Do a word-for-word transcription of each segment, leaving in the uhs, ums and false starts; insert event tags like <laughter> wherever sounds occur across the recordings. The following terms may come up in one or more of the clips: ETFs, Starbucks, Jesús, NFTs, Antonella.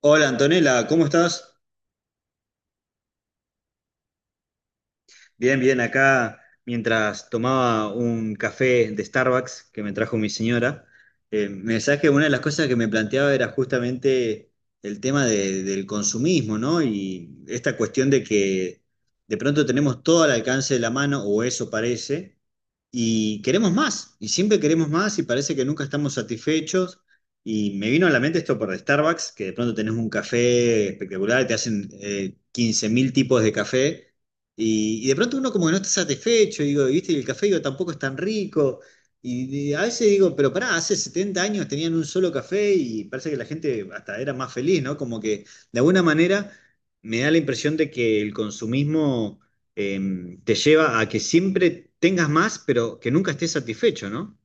Hola Antonella, ¿cómo estás? Bien, bien, acá mientras tomaba un café de Starbucks que me trajo mi señora, eh, me decías que una de las cosas que me planteaba era justamente el tema de- del consumismo, ¿no? Y esta cuestión de que de pronto tenemos todo al alcance de la mano, o eso parece, y queremos más, y siempre queremos más y parece que nunca estamos satisfechos. Y me vino a la mente esto por Starbucks, que de pronto tenés un café espectacular, te hacen eh, quince mil tipos de café, y, y de pronto uno como que no está satisfecho, y digo, viste, y el café digo, tampoco es tan rico. Y, y a veces digo, pero pará, hace setenta años tenían un solo café y parece que la gente hasta era más feliz, ¿no? Como que de alguna manera me da la impresión de que el consumismo eh, te lleva a que siempre tengas más, pero que nunca estés satisfecho, ¿no?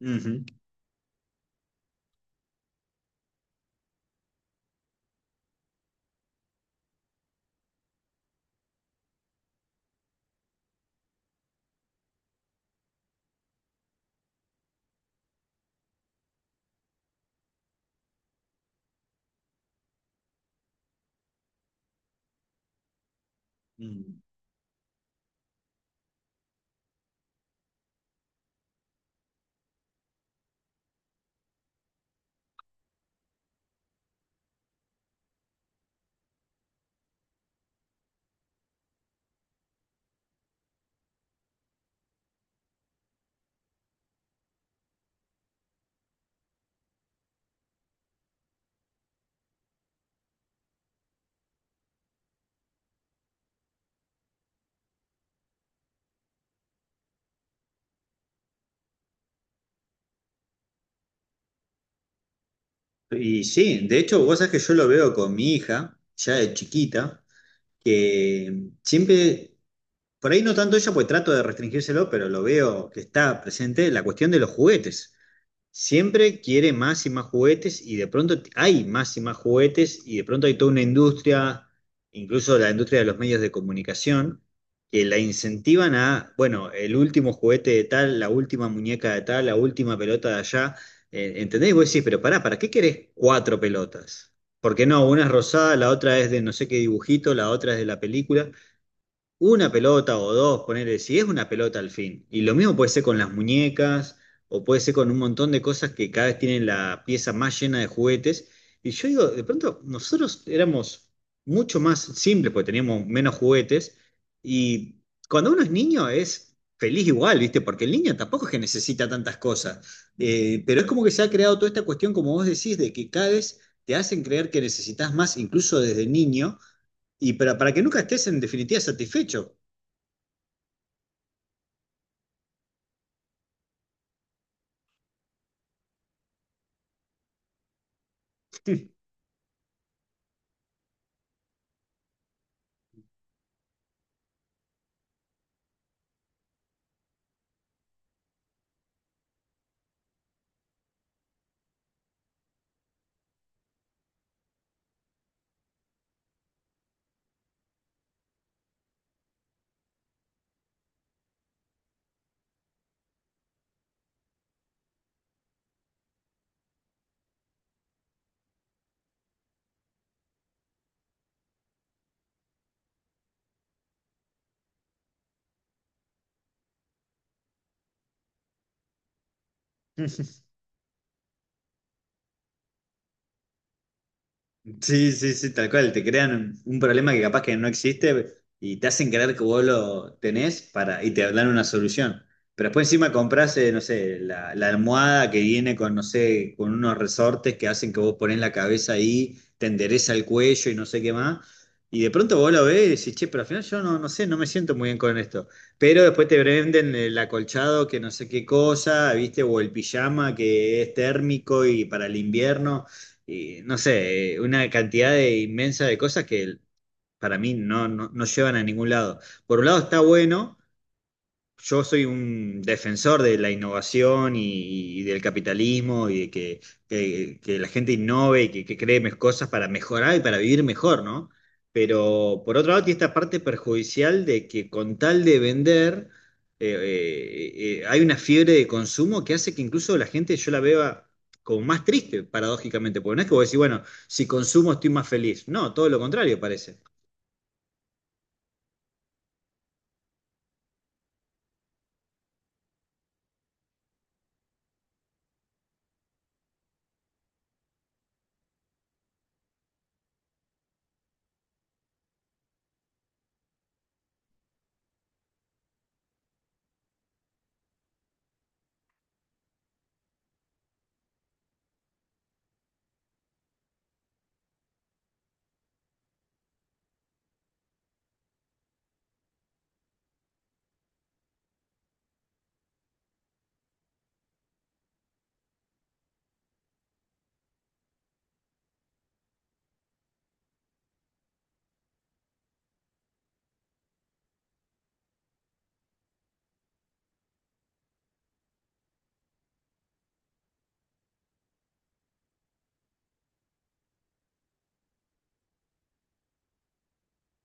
Ujú. Mm. Y sí, de hecho, vos sabés que yo lo veo con mi hija, ya de chiquita, que siempre, por ahí no tanto ella, pues trato de restringírselo, pero lo veo que está presente la cuestión de los juguetes. Siempre quiere más y más juguetes y de pronto t- hay más y más juguetes y de pronto hay toda una industria, incluso la industria de los medios de comunicación, que la incentivan a, bueno, el último juguete de tal, la última muñeca de tal, la última pelota de allá. eh, ¿Entendés? Y vos decís, pero pará, ¿para qué querés cuatro pelotas? Porque no, una es rosada, la otra es de no sé qué dibujito, la otra es de la película, una pelota o dos, ponerle, si es una pelota al fin. Y lo mismo puede ser con las muñecas, o puede ser con un montón de cosas que cada vez tienen la pieza más llena de juguetes. Y yo digo, de pronto nosotros éramos mucho más simples porque teníamos menos juguetes. Y cuando uno es niño es feliz igual, ¿viste? Porque el niño tampoco es que necesita tantas cosas. Eh, pero es como que se ha creado toda esta cuestión, como vos decís, de que cada vez te hacen creer que necesitas más, incluso desde niño, y para, para que nunca estés en definitiva satisfecho. <laughs> Sí, sí, sí, tal cual. Te crean un, un problema que capaz que no existe y te hacen creer que vos lo tenés para, y te dan una solución. Pero después encima compras, eh, no sé, la, la almohada que viene con, no sé, con unos resortes que hacen que vos ponés la cabeza ahí, te endereza el cuello y no sé qué más. Y de pronto vos lo ves y decís, che, pero al final yo no, no sé, no me siento muy bien con esto. Pero después te venden el acolchado que no sé qué cosa, ¿viste? O el pijama que es térmico y para el invierno. Y no sé, eh, una cantidad de inmensa de cosas que para mí no, no, no llevan a ningún lado. Por un lado está bueno, yo soy un defensor de la innovación y, y del capitalismo y de que, que- que la gente innove y que, que cree mes- cosas para mejorar y para vivir mejor, ¿no? Pero por otro lado, tiene esta parte perjudicial de que con tal de vender, eh, eh, eh, hay una fiebre de consumo que hace que incluso la gente yo la vea como más triste, paradójicamente, porque no es que vos decís, bueno, si consumo estoy más feliz. No, todo lo contrario parece.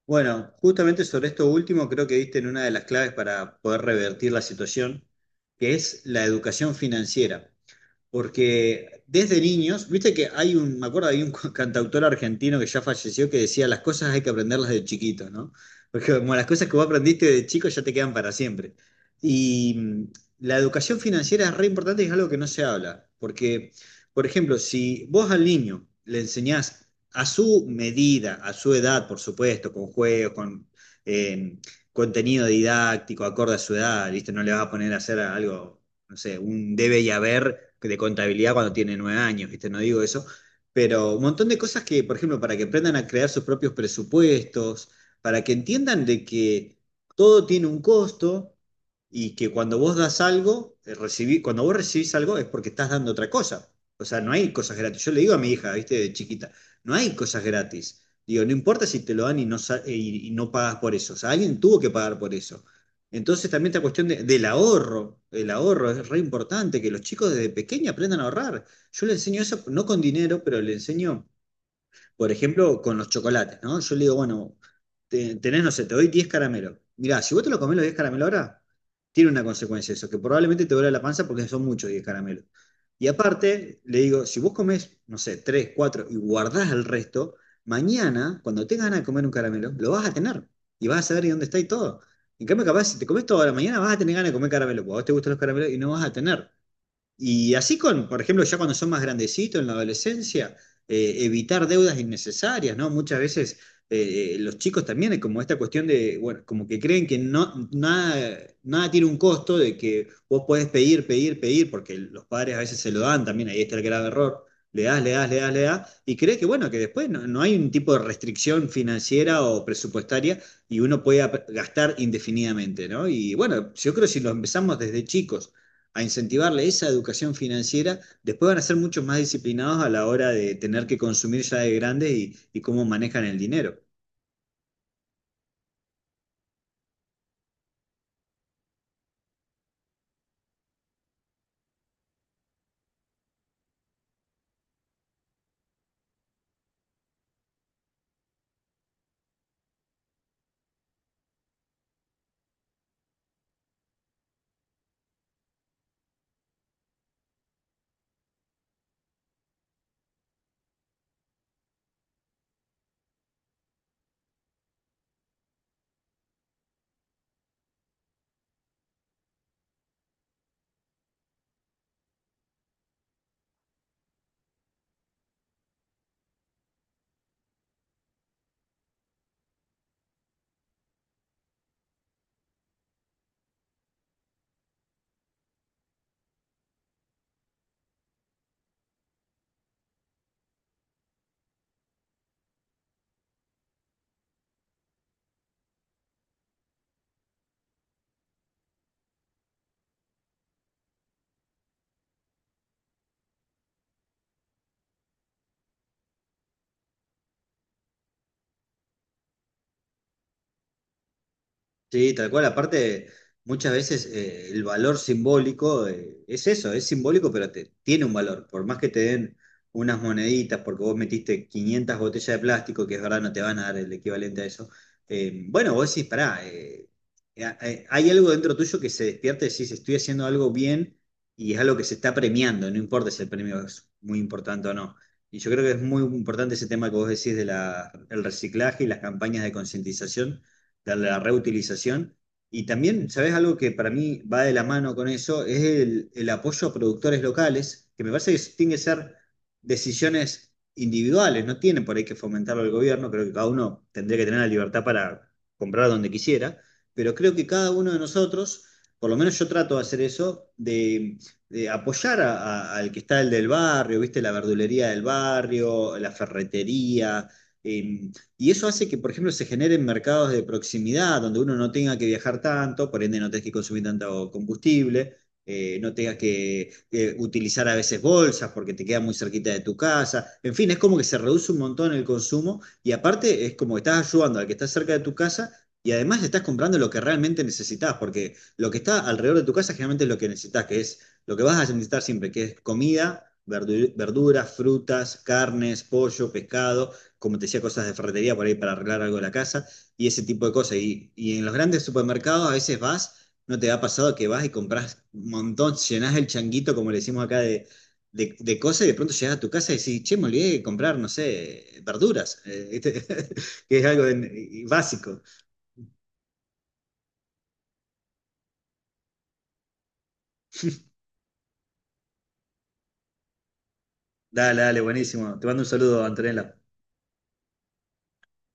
Bueno, justamente sobre esto último creo que diste en una de las claves para poder revertir la situación, que es la educación financiera, porque desde niños, viste que hay un, me acuerdo, hay un <laughs> cantautor argentino que ya falleció que decía, las cosas hay que aprenderlas de chiquito, ¿no? Porque como las cosas que vos aprendiste de chico ya te quedan para siempre. Y mm, la educación financiera es re importante y es algo que no se habla, porque, por ejemplo, si vos al niño le enseñás a su medida, a su edad, por supuesto, con juegos, con eh, contenido didáctico, acorde a su edad, ¿viste? No le vas a poner a hacer algo, no sé, un debe y haber de contabilidad cuando tiene nueve años, ¿viste? No digo eso, pero un montón de cosas que, por ejemplo, para que aprendan a crear sus propios presupuestos, para que entiendan de que todo tiene un costo y que cuando vos das algo, eh, recibí, cuando vos recibís algo es porque estás dando otra cosa. O sea, no hay cosas gratis. Yo le digo a mi hija, ¿viste? De chiquita, no hay cosas gratis. Digo, no importa si te lo dan y no, sa- eh, y y no pagas por eso. O sea, alguien tuvo que pagar por eso. Entonces también esta cuestión de- del ahorro, el ahorro es re importante, que los chicos desde pequeños aprendan a ahorrar. Yo le enseño eso, no con dinero, pero le enseño, por ejemplo, con los chocolates, ¿no? Yo le digo, bueno, te- tenés, no sé, te doy diez caramelos. Mirá, si vos te lo comés los diez caramelos ahora, tiene una consecuencia eso, que probablemente te duele la panza porque son muchos diez caramelos. Y aparte, le digo, si vos comés, no sé, tres, cuatro y guardás el resto, mañana, cuando tengas ganas de comer un caramelo, lo vas a tener y vas a saber dónde está y todo. En cambio, capaz, si te comes todo ahora, mañana vas a tener ganas de comer caramelo, porque a vos te gustan los caramelos y no vas a tener. Y así con, por ejemplo, ya cuando son más grandecitos en la adolescencia, eh, evitar deudas innecesarias, ¿no? Muchas veces eh, los chicos también hay como esta cuestión de, bueno, como que creen que no, nada, nada tiene un costo, de que vos podés pedir, pedir, pedir, porque los padres a veces se lo dan también, ahí está el grave error. Le das, le das, le das, le das, y crees que bueno, que después no, no hay un tipo de restricción financiera o presupuestaria y uno puede ap- gastar indefinidamente, ¿no? Y bueno, yo creo que si lo empezamos desde chicos a incentivarle esa educación financiera, después van a ser mucho más disciplinados a la hora de tener que consumir ya de grande y, y cómo manejan el dinero. Sí, tal cual. Aparte, muchas veces eh, el valor simbólico eh, es eso, es simbólico, pero te- tiene un valor. Por más que te den unas moneditas, porque vos metiste quinientas botellas de plástico, que es verdad, no te van a dar el equivalente a eso. Eh, bueno, vos decís, pará, eh, eh, eh, hay algo dentro tuyo que se despierta y decís, estoy haciendo algo bien y es algo que se está premiando, no importa si el premio es muy importante o no. Y yo creo que es muy importante ese tema que vos decís de la, el reciclaje y las campañas de concientización de la reutilización. Y también, ¿sabes algo que para mí va de la mano con eso? Es el, el apoyo a productores locales, que me parece que tienen que ser decisiones individuales, no tienen por ahí que fomentarlo el gobierno, creo que cada uno tendría que tener la libertad para comprar donde quisiera, pero creo que cada uno de nosotros, por lo menos yo trato de hacer eso, de, de apoyar a- a- al que está el del barrio, viste, la verdulería del barrio, la ferretería, eh, y eso hace que, por ejemplo, se generen mercados de proximidad, donde uno no tenga que viajar tanto, por ende no tengas que consumir tanto combustible, eh, no tengas que eh, utilizar a veces bolsas porque te queda muy cerquita de tu casa. En fin, es como que se reduce un montón el consumo y aparte es como que estás ayudando al que está cerca de tu casa y además estás comprando lo que realmente necesitas, porque lo que está alrededor de tu casa generalmente es lo que necesitas, que es lo que vas a necesitar siempre, que es comida, verduras, frutas, carnes, pollo, pescado, como te decía, cosas de ferretería por ahí para arreglar algo de la casa y ese tipo de cosas. Y, y en los grandes supermercados a veces vas, no te ha pasado que vas y compras un montón, llenás el changuito, como le decimos acá, de, de, de cosas y de pronto llegas a tu casa y decís, che, me olvidé de comprar, no sé, verduras, eh, ¿viste? <laughs> Que es algo en- básico. Dale, dale, buenísimo. Te mando un saludo, Antonella.